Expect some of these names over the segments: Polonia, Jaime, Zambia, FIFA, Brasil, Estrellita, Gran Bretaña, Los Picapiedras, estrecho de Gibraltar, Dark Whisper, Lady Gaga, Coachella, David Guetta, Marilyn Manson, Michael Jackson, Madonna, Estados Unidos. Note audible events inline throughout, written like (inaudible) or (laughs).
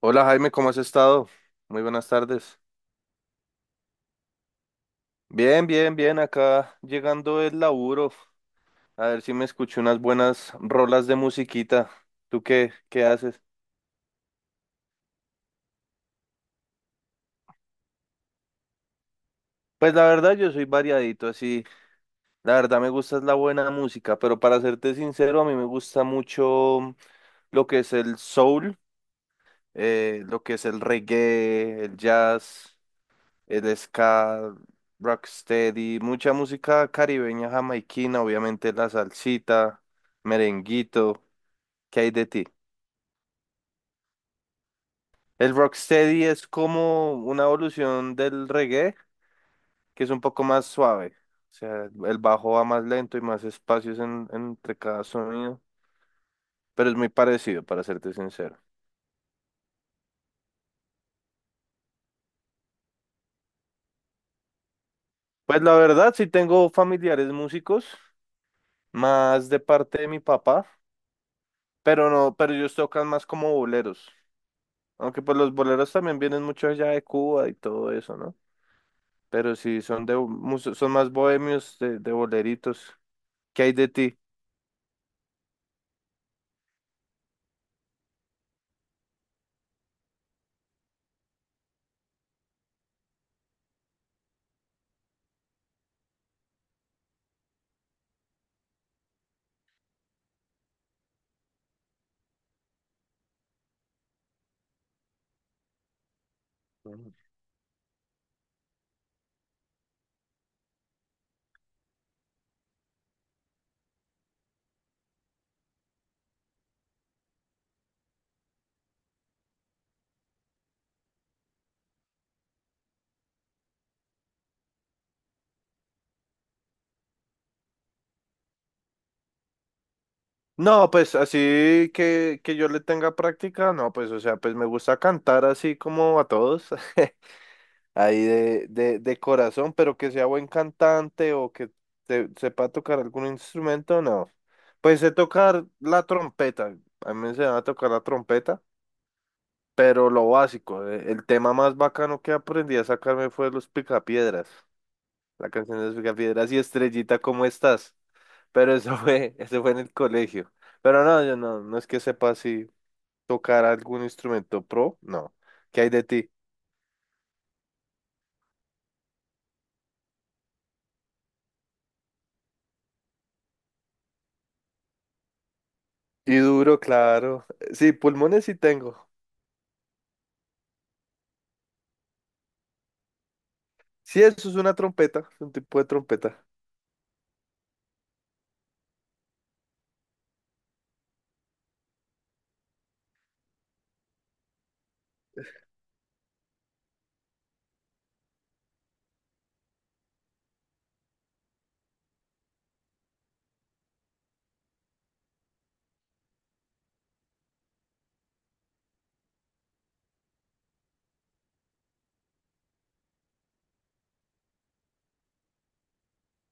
Hola Jaime, ¿cómo has estado? Muy buenas tardes. Bien, acá llegando el laburo. A ver si me escucho unas buenas rolas de musiquita. ¿Tú qué haces? Pues la verdad yo soy variadito, así. La verdad me gusta es la buena música, pero para serte sincero, a mí me gusta mucho lo que es el soul, lo que es el reggae, el jazz. El ska, rocksteady, mucha música caribeña, jamaiquina, obviamente la salsita, merenguito, ¿qué hay de ti? El rocksteady es como una evolución del reggae, que es un poco más suave, o sea, el bajo va más lento y más espacios entre cada sonido, pero es muy parecido, para serte sincero. Pues la verdad, sí tengo familiares músicos, más de parte de mi papá, pero no, pero ellos tocan más como boleros. Aunque pues los boleros también vienen mucho allá de Cuba y todo eso, ¿no? Pero sí, son más bohemios de boleritos. ¿Qué hay de ti? Ujú. No, pues así que yo le tenga práctica, no, pues o sea, pues me gusta cantar así como a todos, (laughs) ahí de corazón, pero que sea buen cantante o que sepa tocar algún instrumento, no. Pues sé tocar la trompeta, a mí me enseñaron a tocar la trompeta, pero lo básico. El tema más bacano que aprendí a sacarme fue Los Picapiedras, la canción de Los Picapiedras y Estrellita, ¿cómo estás? Pero eso fue, (laughs) eso fue en el colegio. Pero no, yo no, no es que sepa si tocar algún instrumento pro, no. ¿Qué hay de ti? Y duro, claro. Sí, pulmones sí tengo. Sí, eso es una trompeta, es un tipo de trompeta.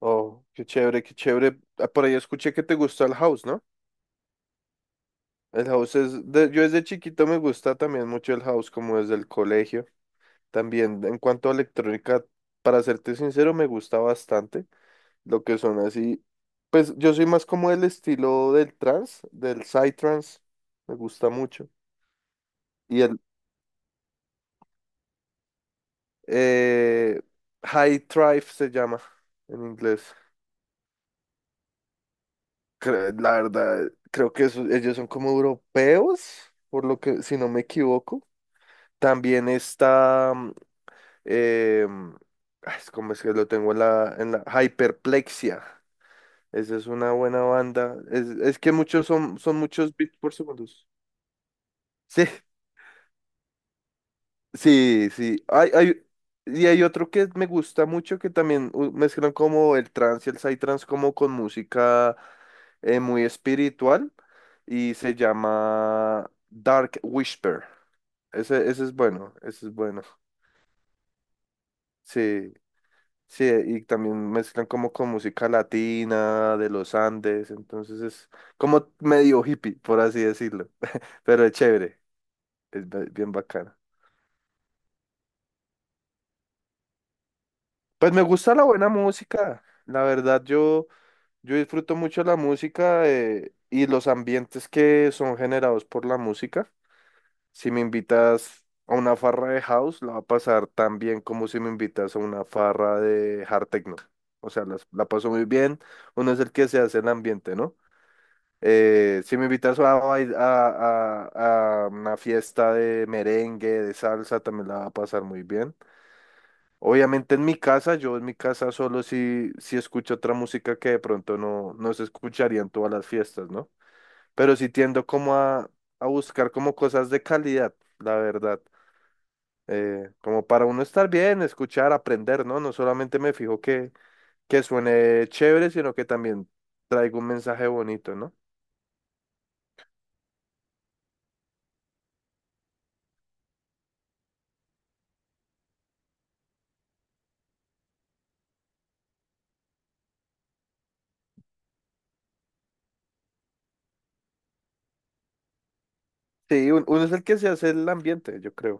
Oh, qué chévere, qué chévere. Ah, por ahí escuché que te gusta el house, ¿no? El house es, yo desde chiquito me gusta también mucho el house, como desde el colegio. También en cuanto a electrónica, para serte sincero, me gusta bastante lo que son así. Pues yo soy más como el estilo del trance, del psytrance, me gusta mucho. Y el eh, high thrive se llama en inglés. La verdad, creo que ellos son como europeos, por lo que, si no me equivoco. También está, em, ay, ¿cómo es que lo tengo en la hyperplexia? Esa es una buena banda. Es que muchos son muchos beats por segundos. Sí, sí, sí. Hay, hay, y hay otro que me gusta mucho que también mezclan como el trance y el psytrance como con música muy espiritual y se llama Dark Whisper. Ese es bueno, ese es bueno. Sí, sí, y también mezclan como con música latina de los Andes, entonces es como medio hippie, por así decirlo, (laughs) pero es chévere. Es bien bacana. Pues me gusta la buena música. La verdad, yo disfruto mucho la música, y los ambientes que son generados por la música. Si me invitas a una farra de house, la va a pasar tan bien como si me invitas a una farra de hard techno. O sea, la paso muy bien. Uno es el que se hace el ambiente, ¿no? Si me invitas a, a una fiesta de merengue, de salsa, también la va a pasar muy bien. Obviamente en mi casa, yo en mi casa solo si escucho otra música que de pronto no, no se escucharía en todas las fiestas, ¿no? Pero sí tiendo como a buscar como cosas de calidad, la verdad. Como para uno estar bien, escuchar, aprender, ¿no? No solamente me fijo que suene chévere, sino que también traiga un mensaje bonito, ¿no? Sí, uno es el que se hace el ambiente, yo creo.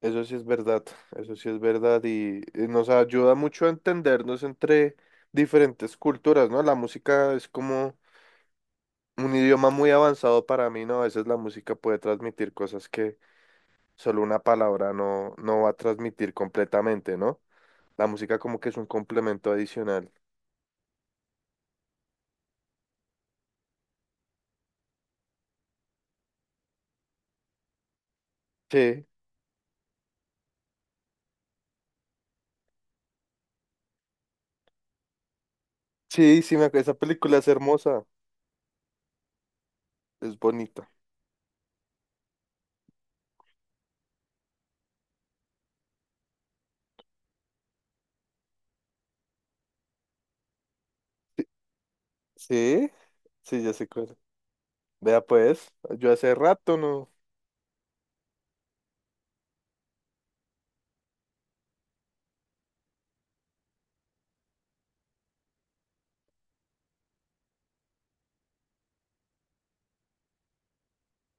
Eso sí es verdad, eso sí es verdad, y nos ayuda mucho a entendernos entre diferentes culturas, ¿no? La música es como un idioma muy avanzado para mí, ¿no? A veces la música puede transmitir cosas que solo una palabra no, no va a transmitir completamente, ¿no? La música como que es un complemento adicional. Sí, sí, sí, me acuerdo, esa película es hermosa, es bonita. Sí, sí, sí, ya sé cuál. Vea pues, yo hace rato no,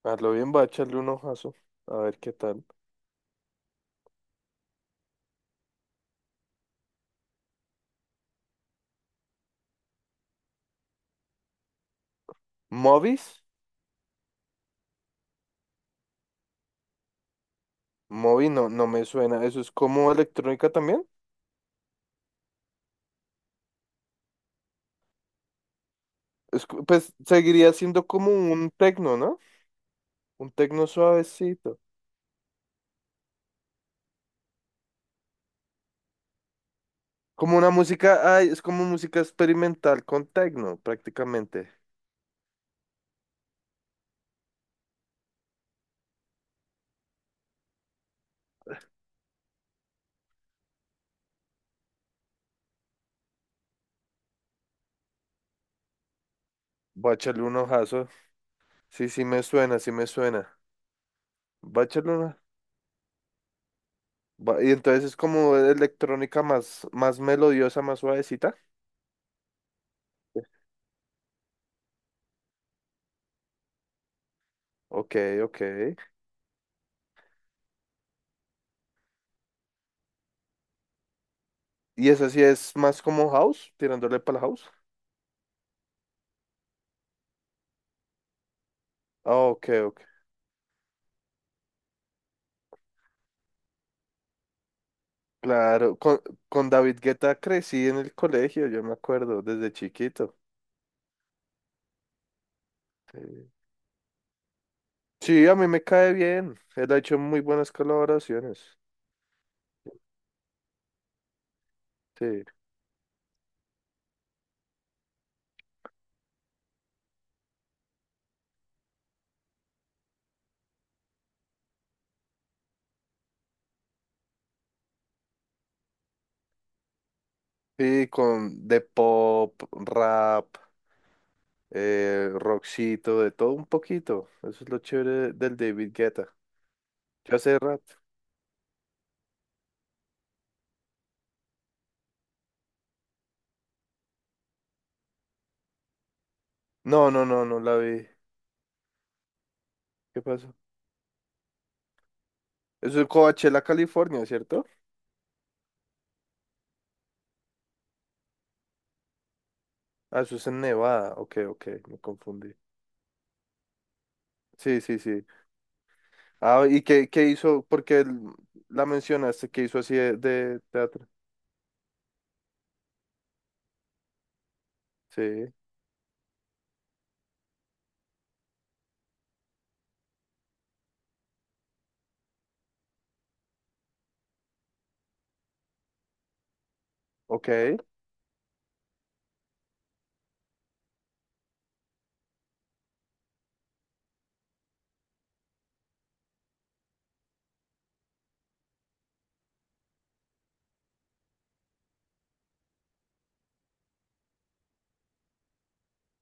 a lo bien va a echarle un ojazo, a ver qué tal. ¿Movies? Movies no, no me suena. ¿Eso es como electrónica también? Pues seguiría siendo como un tecno, ¿no? Un tecno suavecito. Como una música, ay, es como música experimental con tecno, prácticamente. Voy a echarle un ojazo. Sí, sí me suena, sí me suena. Voy a echarle una. Y entonces es como electrónica más, más melodiosa, más suavecita. Ok, ok. Y esa sí es más como house, tirándole para la house. Ah, ok, ok. Claro, con David Guetta crecí en el colegio, yo me acuerdo, desde chiquito. Sí, sí, a mí me cae bien. Él ha hecho muy buenas colaboraciones. Sí. Sí, con de pop, rap, rockcito, de todo un poquito. Eso es lo chévere del David Guetta. ¿Qué hace rato? No, no, no, no la vi. ¿Qué pasó? Eso es Coachella, California, ¿cierto? Ah, eso es en Nevada. Ok, ok, me confundí. Sí, sí, sí. Ah, ¿y qué hizo? Porque la mencionaste, ¿qué hizo así de teatro? Sí, ok,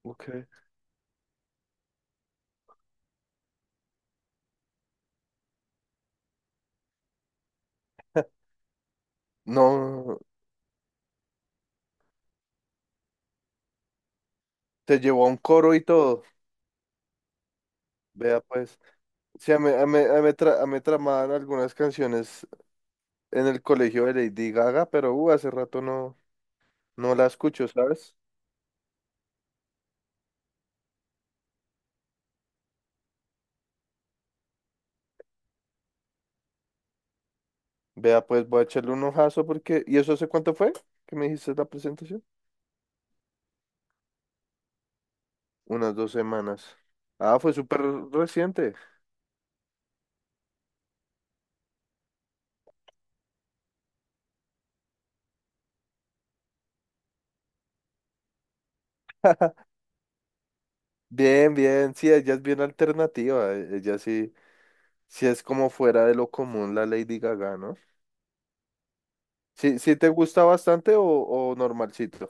ok. No, te llevó a un coro y todo. Vea pues. Sí, a mí tramaban algunas canciones en el colegio de Lady Gaga, pero hace rato no, no la escucho, ¿sabes? Vea pues, voy a echarle un ojazo porque... ¿Y eso hace cuánto fue que me dijiste la presentación? Unas dos semanas. Ah, fue súper reciente. Bien, bien, sí, ella es bien alternativa, ella sí. Si es como fuera de lo común la Lady Gaga, ¿no? Sí, sí te gusta bastante o normalcito.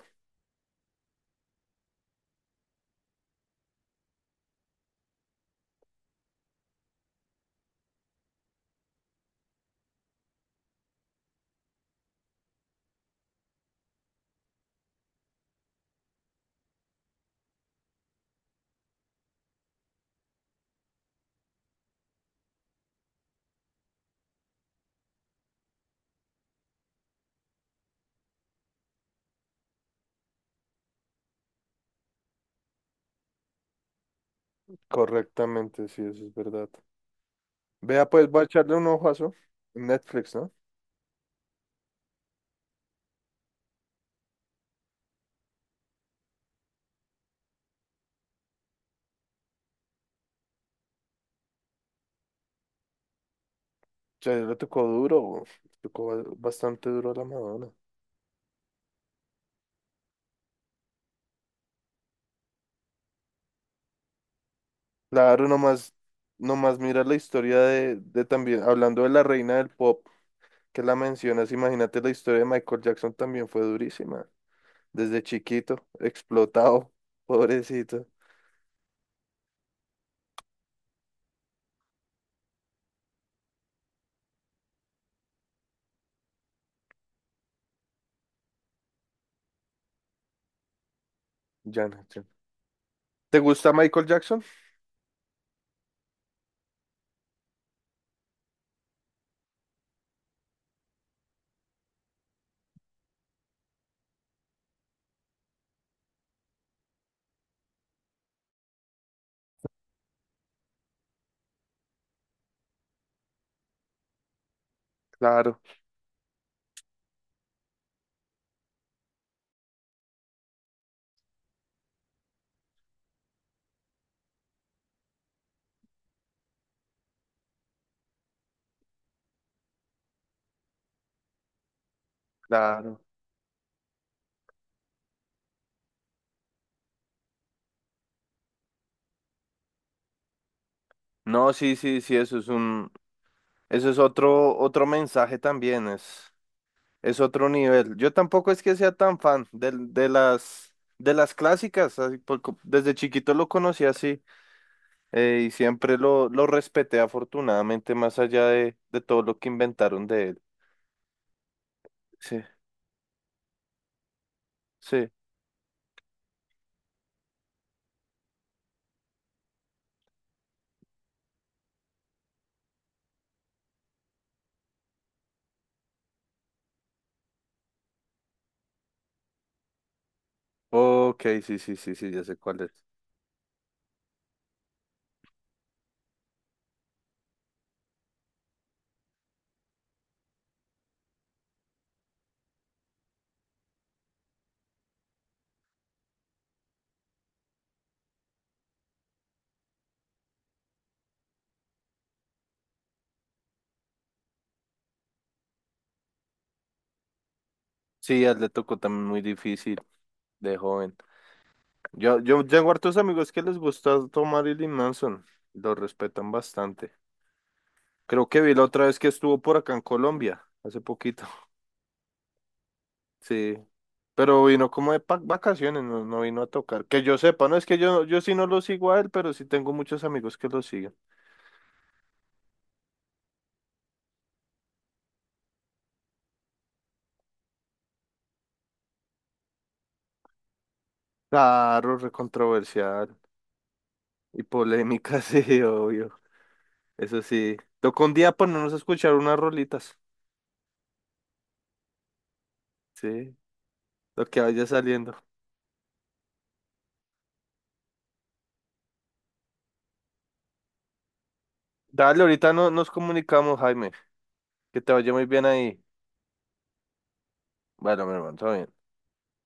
Correctamente, sí, eso es verdad. Vea, pues voy a echarle un ojazo en Netflix, ¿no? Ya le tocó duro, bastante duro a la Madonna. Claro, nomás mira la historia de también, hablando de la reina del pop, que la mencionas, imagínate la historia de Michael Jackson también fue durísima. Desde chiquito, explotado, (laughs) pobrecito. Ya no, ya no. ¿Te gusta Michael Jackson? Claro. Claro. No, sí, sí, sí, eso eso es otro, otro mensaje también, es otro nivel. Yo tampoco es que sea tan fan de las clásicas, así, desde chiquito lo conocí así, y siempre lo respeté afortunadamente, más allá de todo lo que inventaron de él. Sí, sí. Ok, sí, sí, sí, sí, ya sé cuál es. Sí, a él le tocó también muy difícil de joven. Yo tengo hartos amigos que les gusta tomar Marilyn Manson, lo respetan bastante. Creo que vi la otra vez que estuvo por acá en Colombia, hace poquito. (laughs) Sí. Pero vino como vacaciones, no, no vino a tocar. Que yo sepa, no es que yo sí no lo sigo a él, pero sí tengo muchos amigos que lo siguen. Claro, recontroversial y polémica, (laughs) sí, obvio. Eso sí. Toca un día ponernos a escuchar unas rolitas. Sí, lo que vaya saliendo. Dale, ahorita no, nos comunicamos, Jaime. Que te vaya muy bien ahí. Bueno, mi hermano, todo bien.